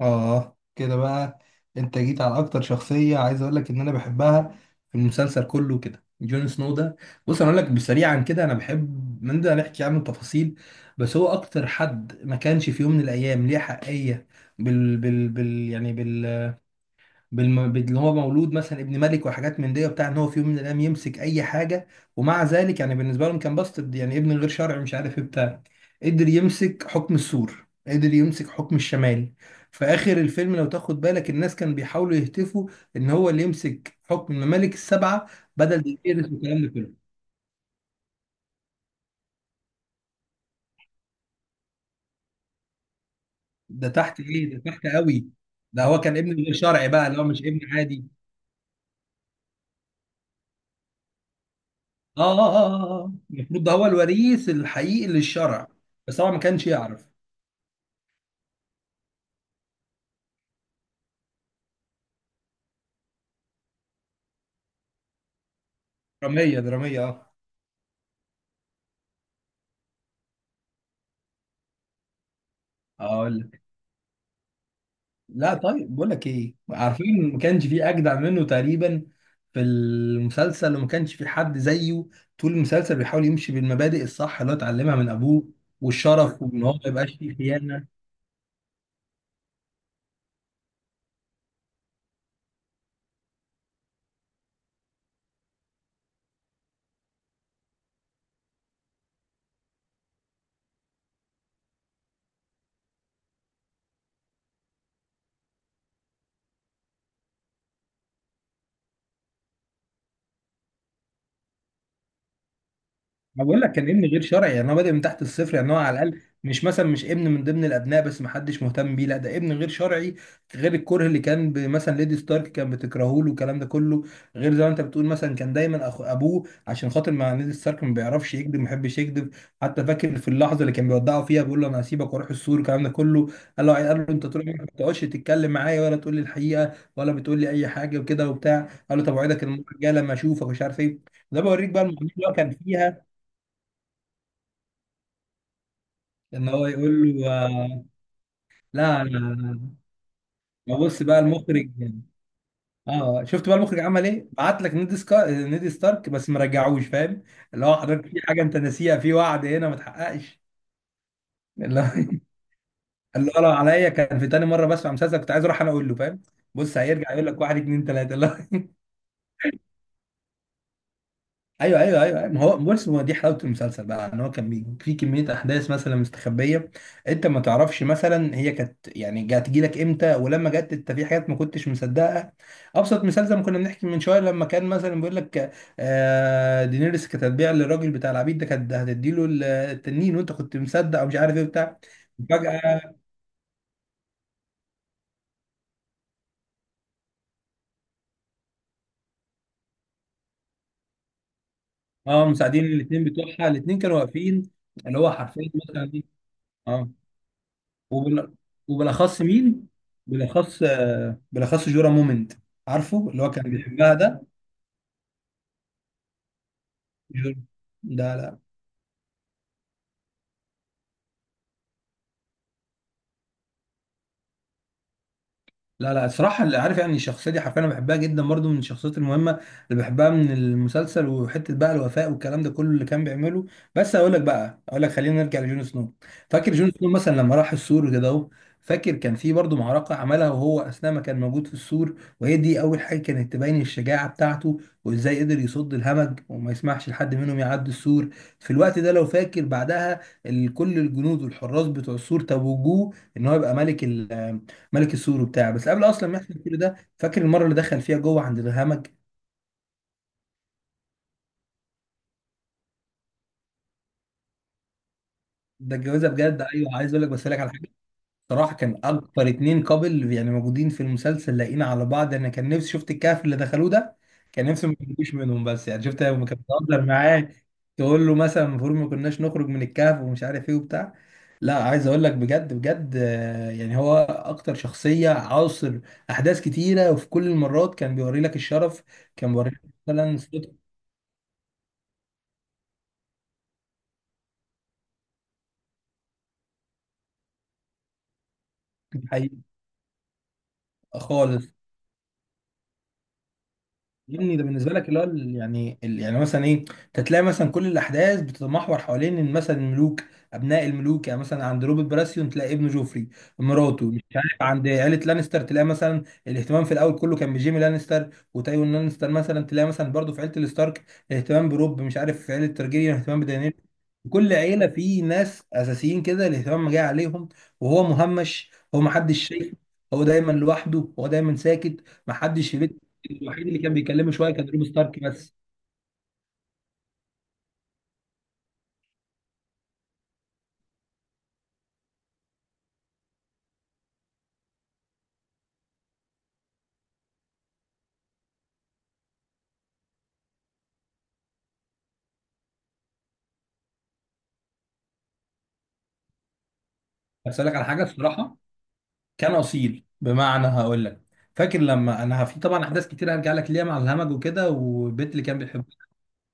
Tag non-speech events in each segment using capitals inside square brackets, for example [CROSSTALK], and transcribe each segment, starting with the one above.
اه، كده بقى. انت جيت على اكتر شخصية عايز اقول لك ان انا بحبها في المسلسل كله، كده جون سنو ده. بص، انا اقول لك بسريعا كده، انا بحب من ده نحكي عنه التفاصيل. بس هو اكتر حد ما كانش في يوم من الايام ليه حقية بال بال بال يعني اللي هو مولود مثلا ابن ملك وحاجات من دي وبتاع ان هو في يوم من الايام يمسك اي حاجه. ومع ذلك يعني بالنسبه لهم كان باسترد، يعني ابن غير شرعي مش عارف ايه بتاع. قدر يمسك حكم السور، قدر يمسك حكم الشمال. في اخر الفيلم لو تاخد بالك الناس كانوا بيحاولوا يهتفوا ان هو اللي يمسك حكم الممالك السبعه بدل دينيريس والكلام ده كله. ده تحت ايه؟ ده تحت قوي. ده هو كان ابن غير شرعي بقى، اللي هو مش ابن عادي. اه اه اه آه. آه. المفروض ده هو الوريث الحقيقي للشرع، بس هو ما كانش يعرف. درامية درامية، اقول لك. لا طيب، بقول لك ايه، عارفين ما كانش في اجدع منه تقريبا في المسلسل، وما كانش في حد زيه. طول المسلسل بيحاول يمشي بالمبادئ الصح اللي هو اتعلمها من ابوه، والشرف، وان هو ما يبقاش فيه خيانة. ما بقول لك كان ابن غير شرعي، يعني هو بادئ من تحت الصفر، يعني هو على الاقل مش مثلا مش ابن من ضمن الابناء بس ما حدش مهتم بيه، لا ده ابن غير شرعي. غير الكره اللي كان مثلا ليدي ستارك كان بتكرهه له والكلام ده كله. غير زي ما انت بتقول مثلا كان دايما أخو ابوه عشان خاطر، مع ليدي ستارك ما بيعرفش يكذب، ما بيحبش يكذب. حتى فاكر في اللحظه اللي كان بيودعه فيها بيقول له انا هسيبك واروح السور والكلام ده كله، قال له انت طول عمرك ما بتقعدش تتكلم معايا ولا تقول لي الحقيقه ولا بتقول لي اي حاجه وكده وبتاع. قال له طب اوعدك المره الجايه لما اشوفك مش عارف ايه. ده بوريك بقى الموضوع اللي هو كان فيها، ان هو يقول له لا انا. ما بص بقى المخرج، اه شفت بقى المخرج عمل ايه؟ بعت لك نيد ستارك بس ما رجعوش، فاهم؟ اللي هو حضرتك في حاجه انت ناسيها، في وعد هنا ما اتحققش. اللي هو [LAUGHS] اللي هو لو عليا كان في تاني مره بسمع مسلسل كنت عايز اروح انا اقول له، فاهم؟ بص هيرجع يقول لك واحد اتنين تلاته اللي هو. ايوه ايوه ايوه أيوة. ما هو بص هو دي حلاوه المسلسل بقى، ان هو كان في كميه احداث مثلا مستخبيه. انت ما تعرفش مثلا هي كانت يعني جات لك امتى، ولما جت انت في حاجات ما كنتش مصدقها. ابسط مثال زي ما كنا بنحكي من شويه، لما كان مثلا بيقول لك آه دينيريس كانت هتبيع للراجل بتاع العبيد ده، كانت هتديله التنين، وانت كنت مصدق او مش عارف ايه بتاع. فجاه. اه مساعدين الاثنين بتوعها، الاثنين كانوا واقفين. اللي هو حرفيا مثلا. اه. وبال... وبالاخص مين؟ بالاخص بالاخص جورا مومنت، عارفه اللي هو كان بيحبها ده. جورا ده، لا. لا لا الصراحة اللي عارف، يعني الشخصية دي حرفيا أنا بحبها جدا برضو، من الشخصيات المهمة اللي بحبها من المسلسل، وحتة بقى الوفاء والكلام ده كله اللي كان بيعمله. بس هقول لك خلينا نرجع لجون سنو. فاكر جون سنو مثلا لما راح السور كده أهو؟ فاكر كان في برضو معركة عملها وهو أثناء ما كان موجود في السور، وهي دي أول حاجة كانت تبين الشجاعة بتاعته، وإزاي قدر يصد الهمج وما يسمحش لحد منهم يعدي السور. في الوقت ده لو فاكر بعدها، كل الجنود والحراس بتوع السور توجوه إن هو يبقى ملك، ملك السور وبتاع. بس قبل اصلا ما يحصل كل ده، فاكر المره اللي دخل فيها جوه عند الهمج؟ ده الجوازه بجد. ايوه عايز اقول لك، بس أقول لك على حاجه. صراحه كان اكتر اتنين قابل يعني موجودين في المسلسل لاقيين على بعض، انا كان نفسي شفت الكهف اللي دخلوه ده. كان نفسي ما يخرجوش منهم، بس يعني شفت لما كان بتهزر معاه تقول له مثلا المفروض ما كناش نخرج من الكهف ومش عارف ايه وبتاع. لا عايز اقول لك بجد بجد، يعني هو اكتر شخصيه عاصر احداث كتيره، وفي كل المرات كان بيوري لك الشرف. كان بيوري لك مثلا صوت. خالص. يعني ده بالنسبه لك اللي هو يعني يعني مثلا ايه. انت تلاقي مثلا كل الاحداث بتتمحور حوالين ان مثلا الملوك، ابناء الملوك، يعني مثلا عند روبرت براسيون تلاقي ابنه جوفري، مراته مش عارف، عند عيله لانستر تلاقي مثلا الاهتمام في الاول كله كان بجيمي لانستر وتايوان لانستر، مثلا تلاقي مثلا برضه في عيله الستارك الاهتمام بروب، مش عارف في عيله تارجيريان الاهتمام بدانيل. كل عيله في ناس اساسيين كده الاهتمام جاي عليهم، وهو مهمش، هو محدش شايفه. هو دايما لوحده، هو دايما ساكت، محدش في بيت. الوحيد اللي كان بيكلمه شويه كان روب ستارك بس. بس اقول لك على حاجه الصراحه، كان اصيل. بمعنى هقول لك، فاكر لما انا في طبعا احداث كتير هرجع لك ليها مع الهمج وكده والبنت اللي كان بيحبها،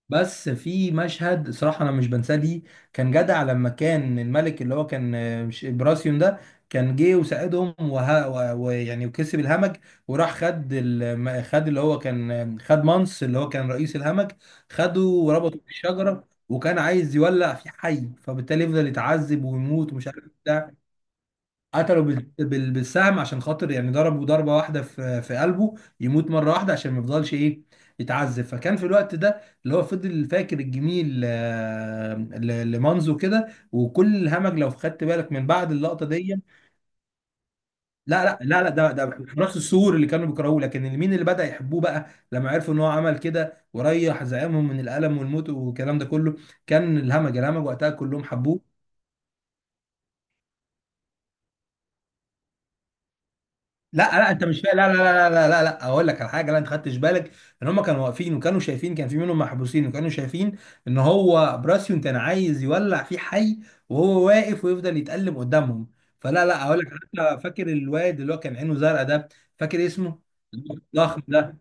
بس في مشهد صراحة أنا مش بنساه ليه. كان جدع لما كان الملك اللي هو كان مش براسيون ده، كان جه وساعدهم ويعني وكسب الهمج، وراح خد خد اللي هو كان خد مانس، اللي هو كان رئيس الهمج، خده وربطه بالشجرة، وكان عايز يولع في حي فبالتالي يفضل يتعذب ويموت ومش عارف بتاع. قتله بالسهم، عشان خاطر يعني ضربه ضربة واحدة في في قلبه، يموت مرة واحدة عشان ما يفضلش ايه، يتعذب. فكان في الوقت ده اللي هو فضل فاكر الجميل لمانزو كده، وكل الهمج لو خدت بالك من بعد اللقطة دي. لا لا لا لا ده حراس السور اللي كانوا بيكرهوه، لكن مين اللي بدأ يحبوه بقى لما عرفوا ان هو عمل كده وريح زعيمهم من الألم والموت والكلام ده كله؟ كان الهمج، الهمج وقتها كلهم حبوه. لا لا، انت مش فاهم. لا لا. لا لا لا لا اقول لك على حاجه، لا انت خدتش بالك ان هم كانوا واقفين وكانوا شايفين، كان في منهم محبوسين، وكانوا شايفين ان هو براسيون كان عايز يولع فيه حي وهو واقف ويفضل يتألم قدامهم. فلا لا، اقول لك. حتى فاكر الواد اللي هو كان عينه زرقاء ده، فاكر اسمه؟ الضخم ده،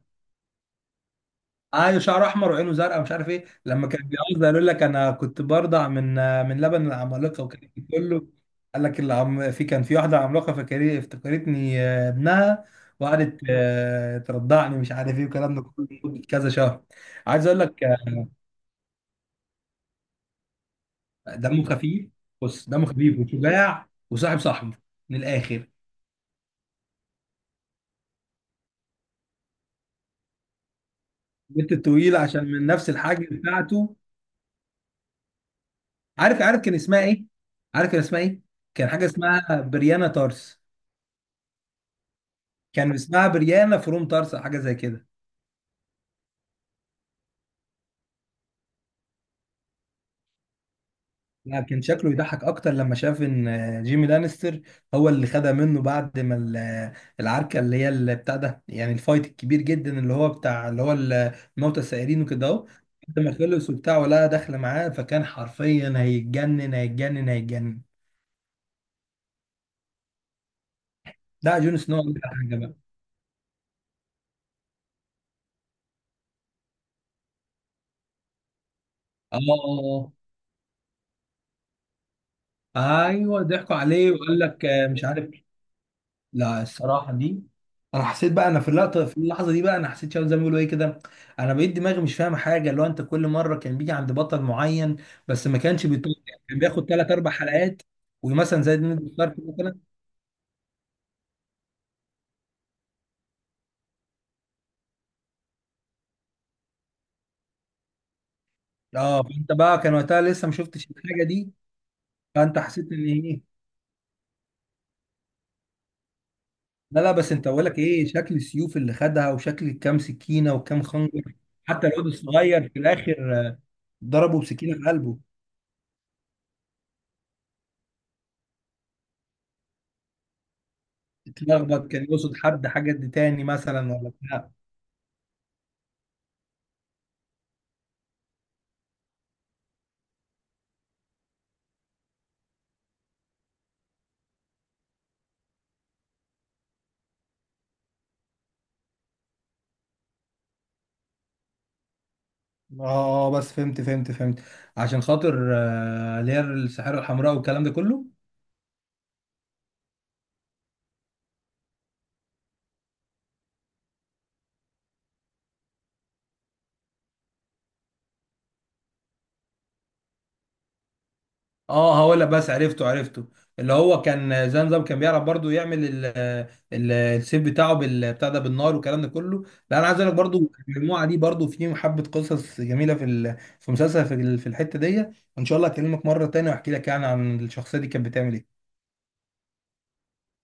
ايوه شعره احمر وعينه زرقاء ومش عارف ايه، لما كان بيعوز يقول لك انا كنت برضع من من لبن العمالقه، وكان كله قال لك العم في كان في واحده عملاقه فكري افتكرتني ابنها، وقعدت ترضعني مش عارف ايه والكلام ده كله لمدة كذا شهر. عايز اقول لك دمه خفيف. بص دمه خفيف وشجاع وصاحب صاحبه، من الاخر. بنت طويله عشان من نفس الحاجه بتاعته. عارف عارف كان اسمها ايه؟ عارف كان اسمها ايه؟ كان حاجه اسمها بريانا تارس. كان اسمها بريانا فروم طارسا، حاجه زي كده. لا كان شكله يضحك اكتر لما شاف ان جيمي لانستر هو اللي خدها منه بعد ما العركه اللي هي اللي بتاع ده، يعني الفايت الكبير جدا اللي هو بتاع، اللي هو موتى السائرين وكده اهو. بعد ما خلص وبتاع ولا داخله معاه، فكان حرفيا هيتجنن هيتجنن هيتجنن. ده جون سنو اكتر حاجه بقى. اه آه. ايوه ضحكوا عليه وقال لك مش عارف. لا الصراحة دي، انا حسيت بقى، انا في اللقطة في اللحظة دي بقى انا حسيت شباب زي ما بيقولوا ايه كده، انا بقيت دماغي مش فاهمة حاجة. اللي هو انت كل مرة كان بيجي عند بطل معين بس ما كانش بيطول، كان بياخد ثلاث اربع حلقات. ومثلا زي دينا الشرف مثلا. اه فانت بقى كان وقتها لسه ما شفتش الحاجة دي، فانت حسيت ان ايه؟ لا لا، بس انت بقول لك ايه شكل السيوف اللي خدها، وشكل كام سكينة وكام خنجر. حتى الواد الصغير في الاخر ضربه بسكينة في قلبه. اتلخبط، كان يقصد حد حاجة دي تاني مثلا ولا بتاع. اه بس فهمت فهمت فهمت عشان خاطر اللي هي السحارة الحمراء والكلام ده كله. اه هقول لك بس، عرفته عرفته. اللي هو كان زي نظام كان بيعرف برضو يعمل السيف بتاعه بتاع ده بالنار والكلام ده كله. لا انا عايز اقول لك برضو المجموعه دي برضو، في حبه قصص جميله في في مسلسل في في الحته دي. ان شاء الله اكلمك مره تانية واحكي لك يعني عن الشخصيه دي كانت بتعمل ايه.